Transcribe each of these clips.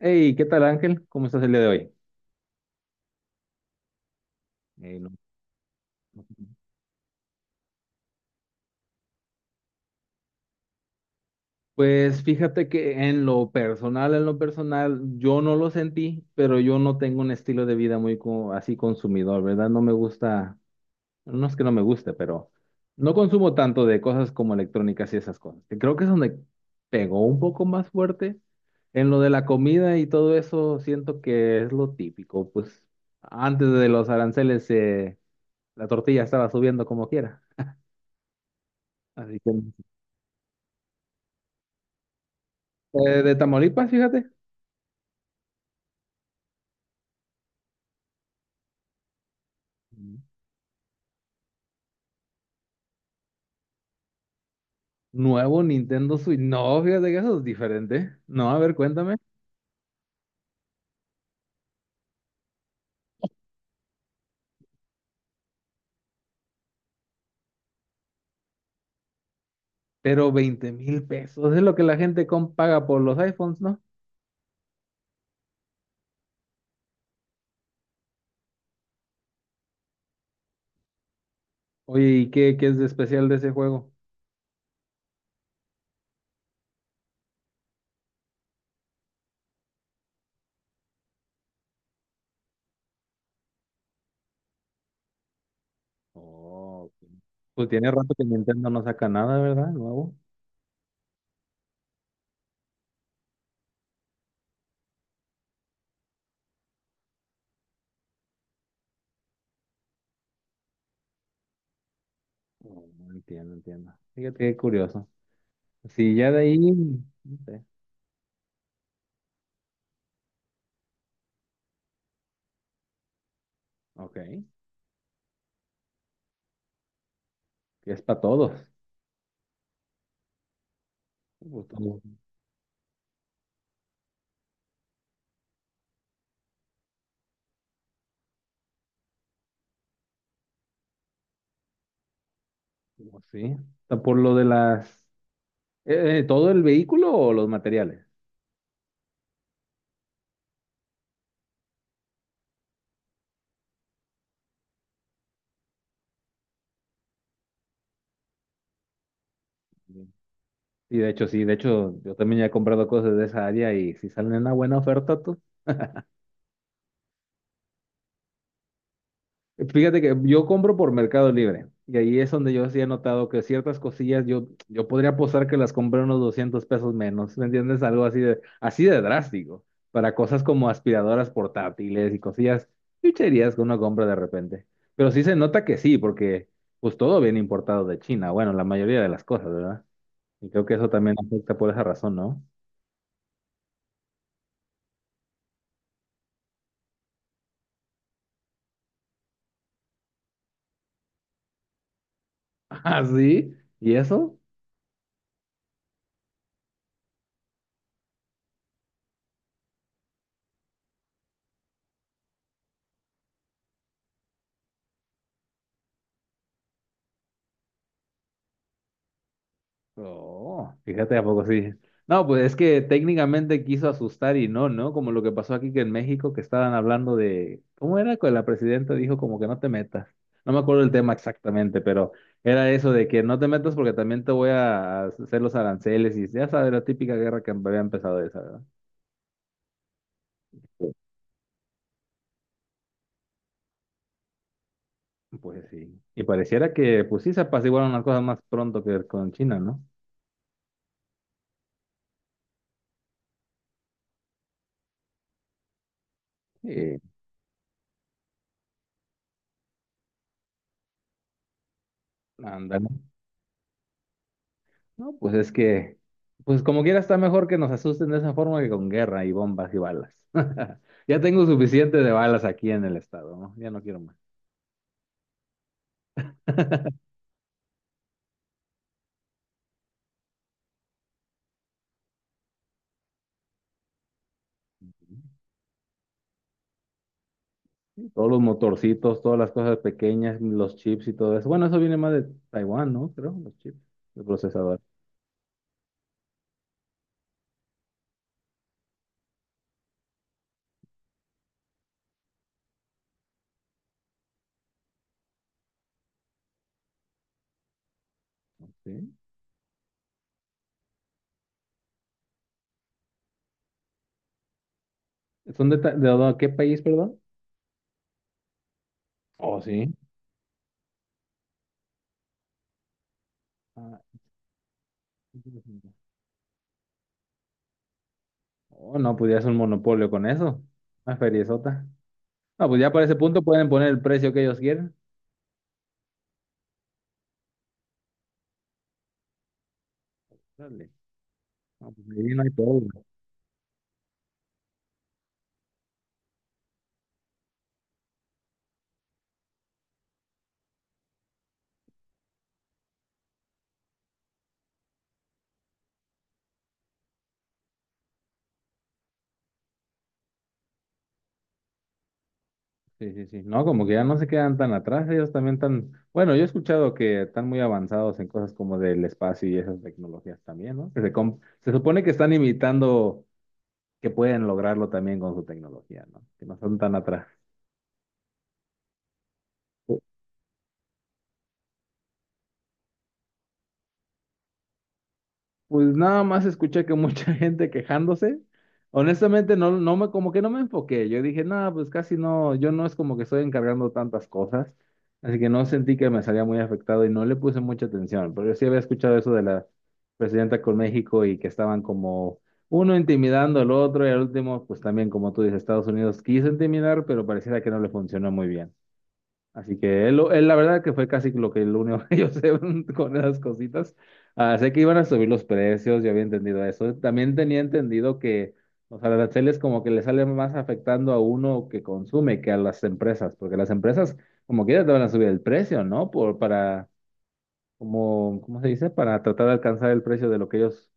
Hey, ¿qué tal Ángel? ¿Cómo estás el día de hoy? Eh, no- no- Pues fíjate que en lo personal, yo no lo sentí, pero yo no tengo un estilo de vida muy así consumidor, ¿verdad? No me gusta, no es que no me guste, pero no consumo tanto de cosas como electrónicas y esas cosas, que creo que es donde pegó un poco más fuerte. En lo de la comida y todo eso, siento que es lo típico. Pues antes de los aranceles, la tortilla estaba subiendo como quiera. Así que... De Tamaulipas, fíjate. Mm. Nuevo Nintendo Switch. No, fíjate que eso es diferente. No, a ver, cuéntame. Pero 20,000 pesos es lo que la gente paga por los iPhones, ¿no? Oye, ¿y qué es de especial de ese juego? Oh, ok. Pues tiene rato que Nintendo no saca nada, ¿verdad? Nuevo. Oh, no. Entiendo, entiendo. Fíjate qué curioso. Sí, ya de ahí, no sé, ok. Que es para todos. Pues todo. Como sí. Está por lo de las... ¿todo el vehículo o los materiales? Y de hecho, sí, de hecho, yo también ya he comprado cosas de esa área y si salen en una buena oferta, tú. Fíjate que yo compro por Mercado Libre y ahí es donde yo sí he notado que ciertas cosillas, yo podría apostar que las compré unos 200 pesos menos, ¿me entiendes? Algo así de drástico, para cosas como aspiradoras portátiles y cosillas, chucherías que uno compra de repente. Pero sí se nota que sí, porque pues todo viene importado de China, bueno, la mayoría de las cosas, ¿verdad? Y creo que eso también afecta por esa razón, ¿no? Ah, sí, ¿y eso? Oh, fíjate, ¿a poco sí? No, pues es que técnicamente quiso asustar y no, ¿no? Como lo que pasó aquí que en México, que estaban hablando de, ¿cómo era? Que la presidenta dijo como que no te metas. No me acuerdo el tema exactamente, pero era eso de que no te metas porque también te voy a hacer los aranceles y ya sabes, la típica guerra que había empezado esa, ¿verdad? Sí. Pues sí. Y pareciera que, pues sí, se apaciguaron las cosas más pronto que con China, ¿no? Sí. Ándale. No, pues es que, pues como quiera está mejor que nos asusten de esa forma que con guerra y bombas y balas. Ya tengo suficiente de balas aquí en el estado, ¿no? Ya no quiero más. Todos los motorcitos, todas las cosas pequeñas, los chips y todo eso. Bueno, eso viene más de Taiwán, ¿no? Creo, los chips, el procesador. ¿Sí? ¿Son de qué país, perdón? Oh, sí. Ah, oh, no, pues ya es un monopolio con eso. Una feriezota. No, pues ya para ese punto pueden poner el precio que ellos quieran. Dale. No, pues ahí no hay todo. Sí, sí, sí. No, como que ya no se quedan tan atrás, ellos también tan, bueno, yo he escuchado que están muy avanzados en cosas como del espacio y esas tecnologías también, ¿no? Que se supone que están imitando que pueden lograrlo también con su tecnología, ¿no? Que no son tan atrás. Pues nada más escuché que mucha gente quejándose. Honestamente, no, como que no me enfoqué. Yo dije, nada, pues casi no, yo no es como que estoy encargando tantas cosas. Así que no sentí que me salía muy afectado y no le puse mucha atención. Pero yo sí había escuchado eso de la presidenta con México y que estaban como uno intimidando al otro y al último, pues también, como tú dices, Estados Unidos quiso intimidar, pero pareciera que no le funcionó muy bien. Así que él, la verdad que fue casi lo único que yo sé con esas cositas. Ah, sé que iban a subir los precios, yo había entendido eso. También tenía entendido que los aranceles como que le salen más afectando a uno que consume que a las empresas, porque las empresas como quiera te van a subir el precio, ¿no? Por, para, como, ¿cómo se dice? Para tratar de alcanzar el precio de lo que ellos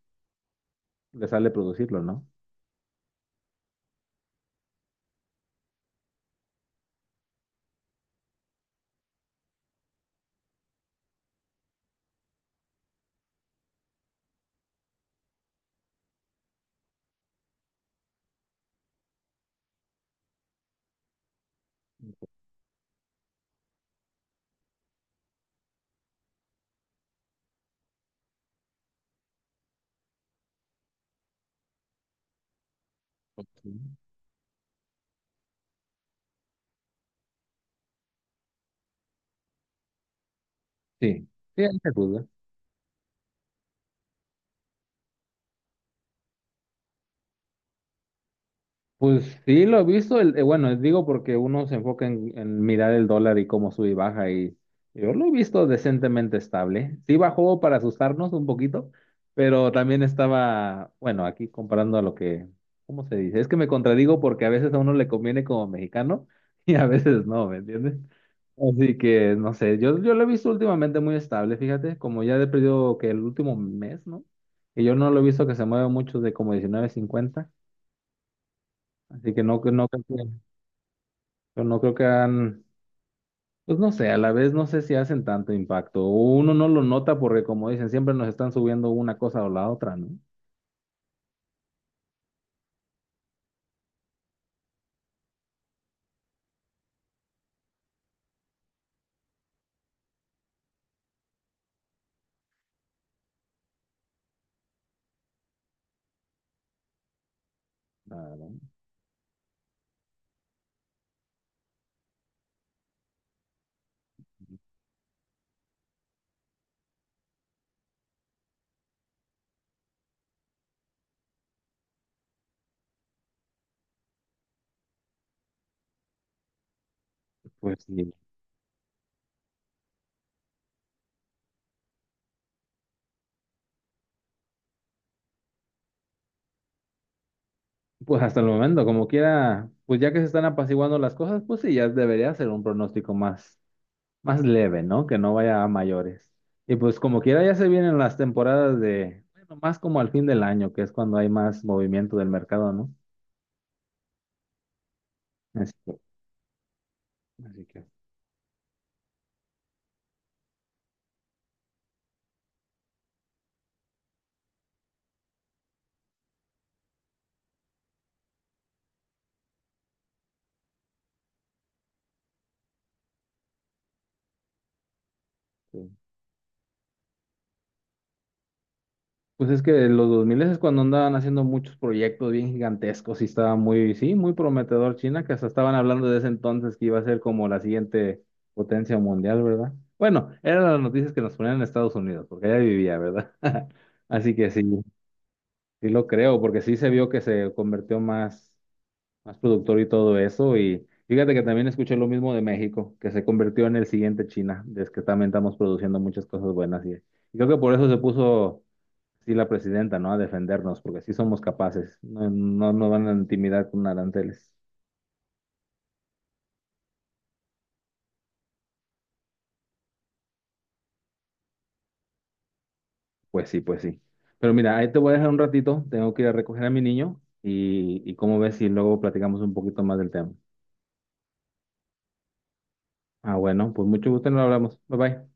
les sale producirlo, ¿no? Ok. Sí, sí, ahí se juzga. Pues sí, lo he visto. El, bueno, digo porque uno se enfoca en mirar el dólar y cómo sube y baja y yo lo he visto decentemente estable. Sí bajó para asustarnos un poquito, pero también estaba, bueno, aquí comparando a lo que, ¿cómo se dice? Es que me contradigo porque a veces a uno le conviene como mexicano y a veces no, ¿me entiendes? Así que no sé, yo lo he visto últimamente muy estable, fíjate, como ya he perdido que el último mes, ¿no? Y yo no lo he visto que se mueva mucho de como 19.50. Así que no, no, creo que. Pero no creo que hagan, pues no sé, a la vez no sé si hacen tanto impacto. Uno no lo nota porque como dicen, siempre nos están subiendo una cosa o la otra, ¿no? Claro, pues sí. Pues hasta el momento, como quiera, pues ya que se están apaciguando las cosas, pues sí, ya debería ser un pronóstico más, más leve, ¿no? Que no vaya a mayores. Y pues como quiera, ya se vienen las temporadas de, bueno, más como al fin del año, que es cuando hay más movimiento del mercado, ¿no? Así que, así que. Sí. Pues es que los 2000 es cuando andaban haciendo muchos proyectos bien gigantescos y estaba muy, sí, muy prometedor China, que hasta estaban hablando de ese entonces que iba a ser como la siguiente potencia mundial, ¿verdad? Bueno, eran las noticias que nos ponían en Estados Unidos, porque allá vivía, ¿verdad? Así que sí, sí lo creo, porque sí se vio que se convirtió más productor y todo eso. Y fíjate que también escuché lo mismo de México, que se convirtió en el siguiente China, desde que también estamos produciendo muchas cosas buenas. Y creo que por eso se puso, sí, la presidenta, ¿no? A defendernos, porque sí somos capaces. No, no nos van a intimidar con aranceles. Pues sí, pues sí. Pero mira, ahí te voy a dejar un ratito, tengo que ir a recoger a mi niño y cómo ves si luego platicamos un poquito más del tema. Ah, bueno, pues mucho gusto nos hablamos. Bye bye.